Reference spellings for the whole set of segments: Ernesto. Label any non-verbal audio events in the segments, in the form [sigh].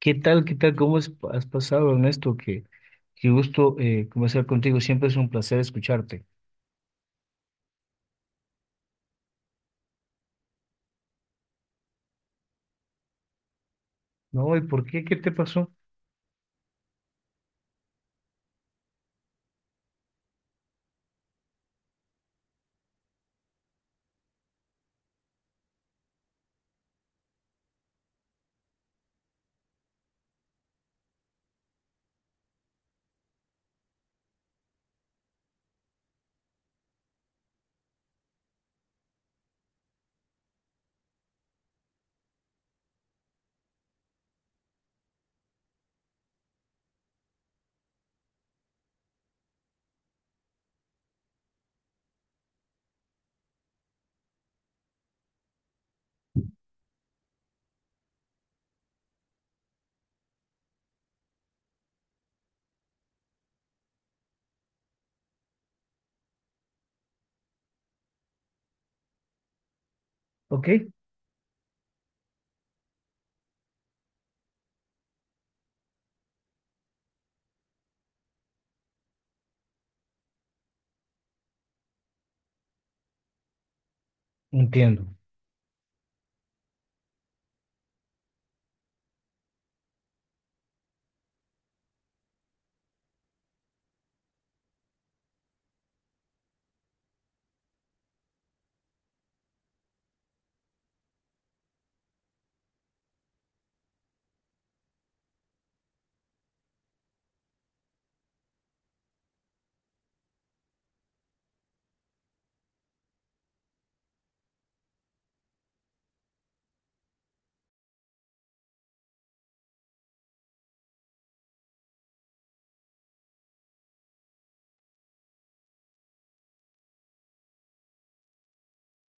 ¿Qué tal? ¿Qué tal? ¿Cómo has pasado, Ernesto? Qué gusto conversar contigo. Siempre es un placer escucharte. No, ¿y por qué? ¿Qué te pasó? Ok, entiendo.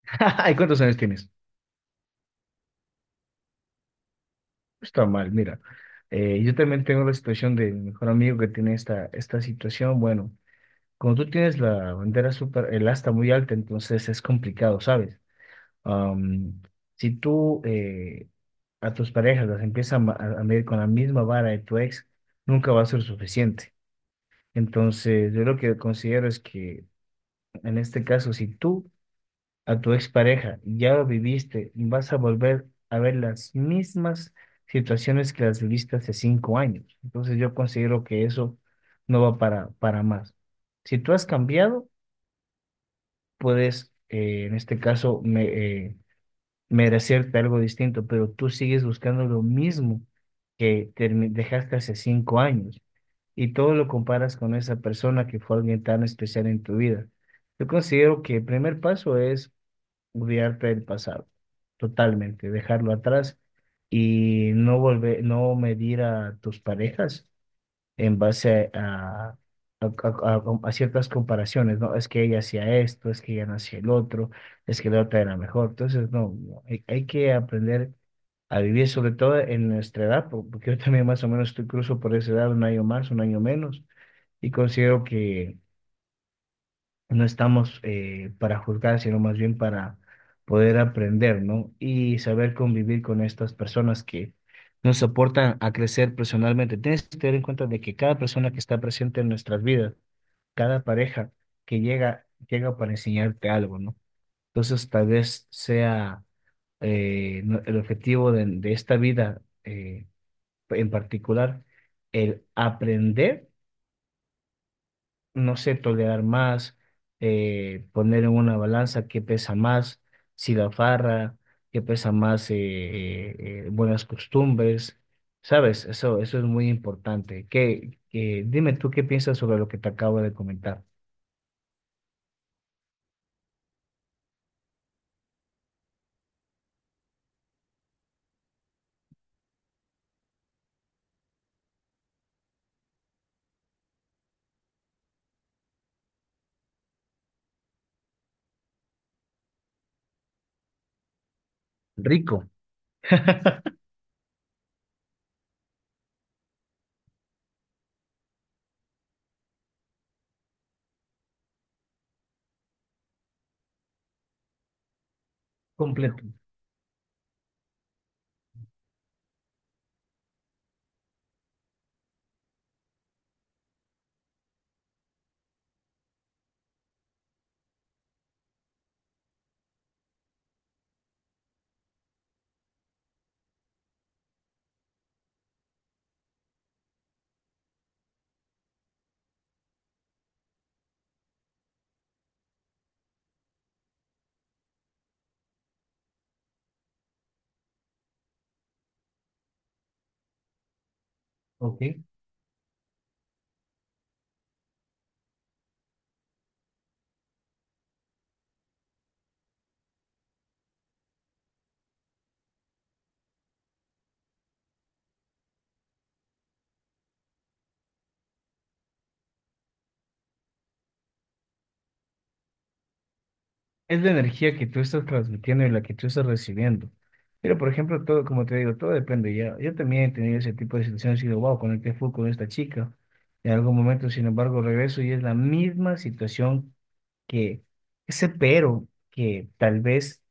[laughs] ¿Y cuántos años tienes? Está mal, mira. Yo también tengo la situación de mi mejor amigo que tiene esta situación. Bueno, cuando tú tienes la bandera super, el asta muy alta, entonces es complicado, ¿sabes? Am, si tú, a tus parejas las empiezas a, ma- a medir con la misma vara de tu ex, nunca va a ser suficiente. Entonces, yo lo que considero es que en este caso, si tú a tu expareja ya lo viviste, vas a volver a ver las mismas situaciones que las viviste hace 5 años. Entonces, yo considero que eso no va para más. Si tú has cambiado, puedes, en este caso, eh, merecerte algo distinto, pero tú sigues buscando lo mismo que dejaste hace 5 años. Y todo lo comparas con esa persona que fue alguien tan especial en tu vida. Yo considero que el primer paso es olvidarte del pasado, totalmente, dejarlo atrás y no volver, no medir a tus parejas en base a, a- a ciertas comparaciones, ¿no? Es que ella hacía esto, es que ella no hacía el otro, es que la otra era mejor. Entonces, no, no, hay que aprender a vivir, sobre todo en nuestra edad, porque yo también más o menos estoy cruzo por esa edad, un año más, un año menos, y considero que no estamos para juzgar, sino más bien para poder aprender, ¿no? Y saber convivir con estas personas que nos aportan a crecer personalmente. Tienes que tener en cuenta de que cada persona que está presente en nuestras vidas, cada pareja que llega, llega para enseñarte algo, ¿no? Entonces, tal vez sea el objetivo de esta vida en particular, el aprender, no sé, tolerar más, poner en una balanza qué pesa más, si la farra, qué pesa más, buenas costumbres, ¿sabes? Eso es muy importante. Dime tú qué piensas sobre lo que te acabo de comentar. Rico, [laughs] completo, ¿ok? Es la energía que tú estás transmitiendo y la que tú estás recibiendo. Pero, por ejemplo, todo, como te digo, todo depende. Ya, yo también he tenido ese tipo de situaciones y digo, wow, conecté full con esta chica. En algún momento, sin embargo, regreso y es la misma situación que ese pero que tal vez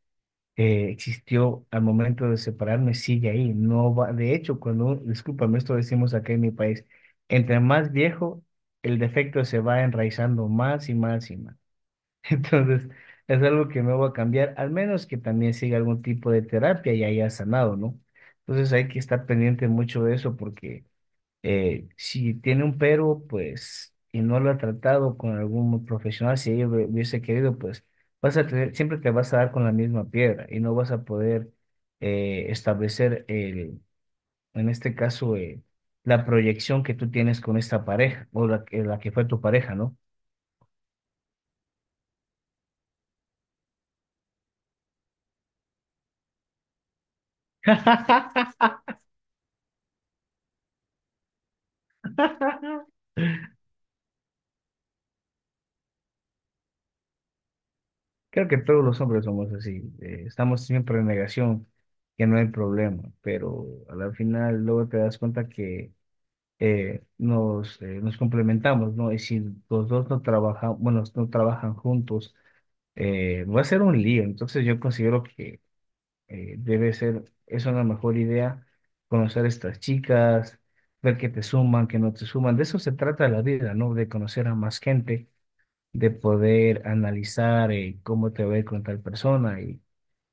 existió al momento de separarme sigue ahí. No va, de hecho, discúlpame, esto decimos acá en mi país, entre más viejo, el defecto se va enraizando más y más y más. Entonces, es algo que no va a cambiar, al menos que también siga algún tipo de terapia y haya sanado, ¿no? Entonces hay que estar pendiente mucho de eso porque, si tiene un pero, pues, y no lo ha tratado con algún profesional, si ella hubiese querido, pues, vas a tener, siempre te vas a dar con la misma piedra y no vas a poder establecer el, en este caso, la proyección que tú tienes con esta pareja o la que fue tu pareja, ¿no? [laughs] Creo que todos los hombres somos así, estamos siempre en negación, que no hay problema, pero al final luego te das cuenta que nos complementamos, ¿no? Y si los dos no trabajan, bueno, no trabajan juntos, va a ser un lío. Entonces yo considero que es una mejor idea conocer a estas chicas, ver que te suman, que no te suman. De eso se trata la vida, ¿no? De conocer a más gente, de poder analizar cómo te va a ir con tal persona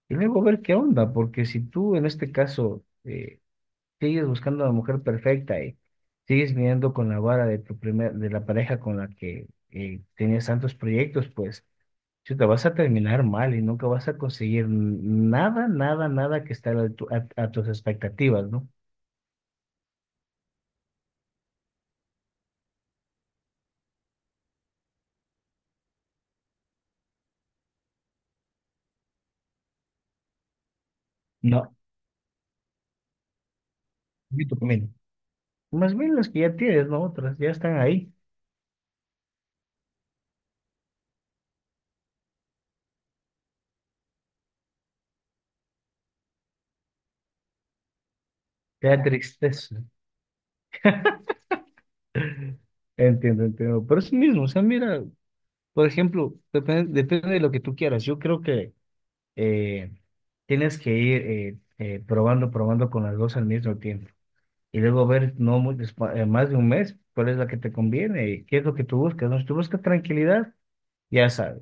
y luego ver qué onda, porque si tú en este caso, sigues buscando a la mujer perfecta y sigues mirando con la vara de de la pareja con la que tenías tantos proyectos, pues te vas a terminar mal y nunca vas a conseguir nada, nada, nada que esté a a tus expectativas, ¿no? No, y tú también. Más bien las que ya tienes, ¿no? Otras ya están ahí. Te da tristeza. Entiendo, entiendo. Pero es lo mismo, o sea, mira, por ejemplo, depende, depende de lo que tú quieras. Yo creo que eh, tienes que ir probando, probando con las dos al mismo tiempo. Y luego ver, no muy más de un mes, cuál es la que te conviene, y qué es lo que tú buscas, ¿no? Si tú buscas tranquilidad, ya sabes,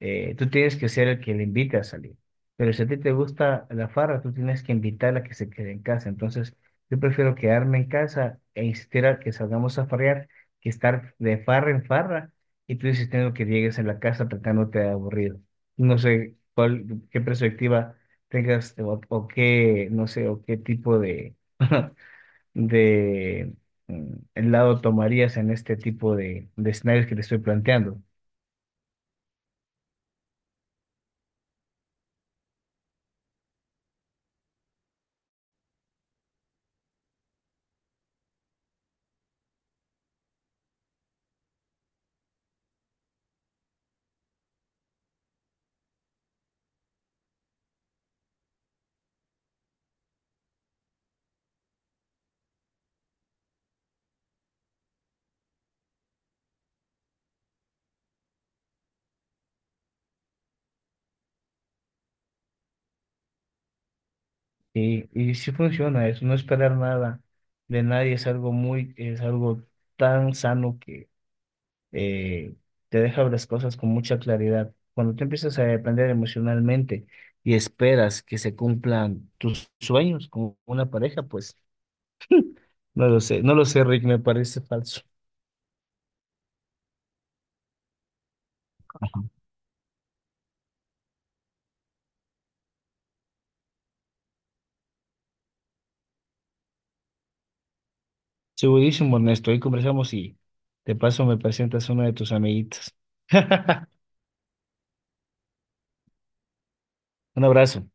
tú tienes que ser el que le invite a salir. Pero si a ti te gusta la farra, tú tienes que invitarla a que se quede en casa. Entonces, yo prefiero quedarme en casa e insistir a que salgamos a farrear que estar de farra en farra y tú insistiendo que llegues en la casa tratándote de aburrido. No sé cuál, qué perspectiva tengas o qué, no sé, o qué tipo de, [laughs] de mm, lado tomarías en este tipo de escenarios que te estoy planteando. Y sí funciona, es no esperar nada de nadie, es algo muy, es algo tan sano que eh, te deja ver las cosas con mucha claridad. Cuando tú empiezas a depender emocionalmente y esperas que se cumplan tus sueños con una pareja, pues no lo sé, no lo sé, Rick, me parece falso. Ajá. Segurísimo, Ernesto, hoy conversamos y de paso me presentas a una de tus amiguitas. [laughs] Un abrazo.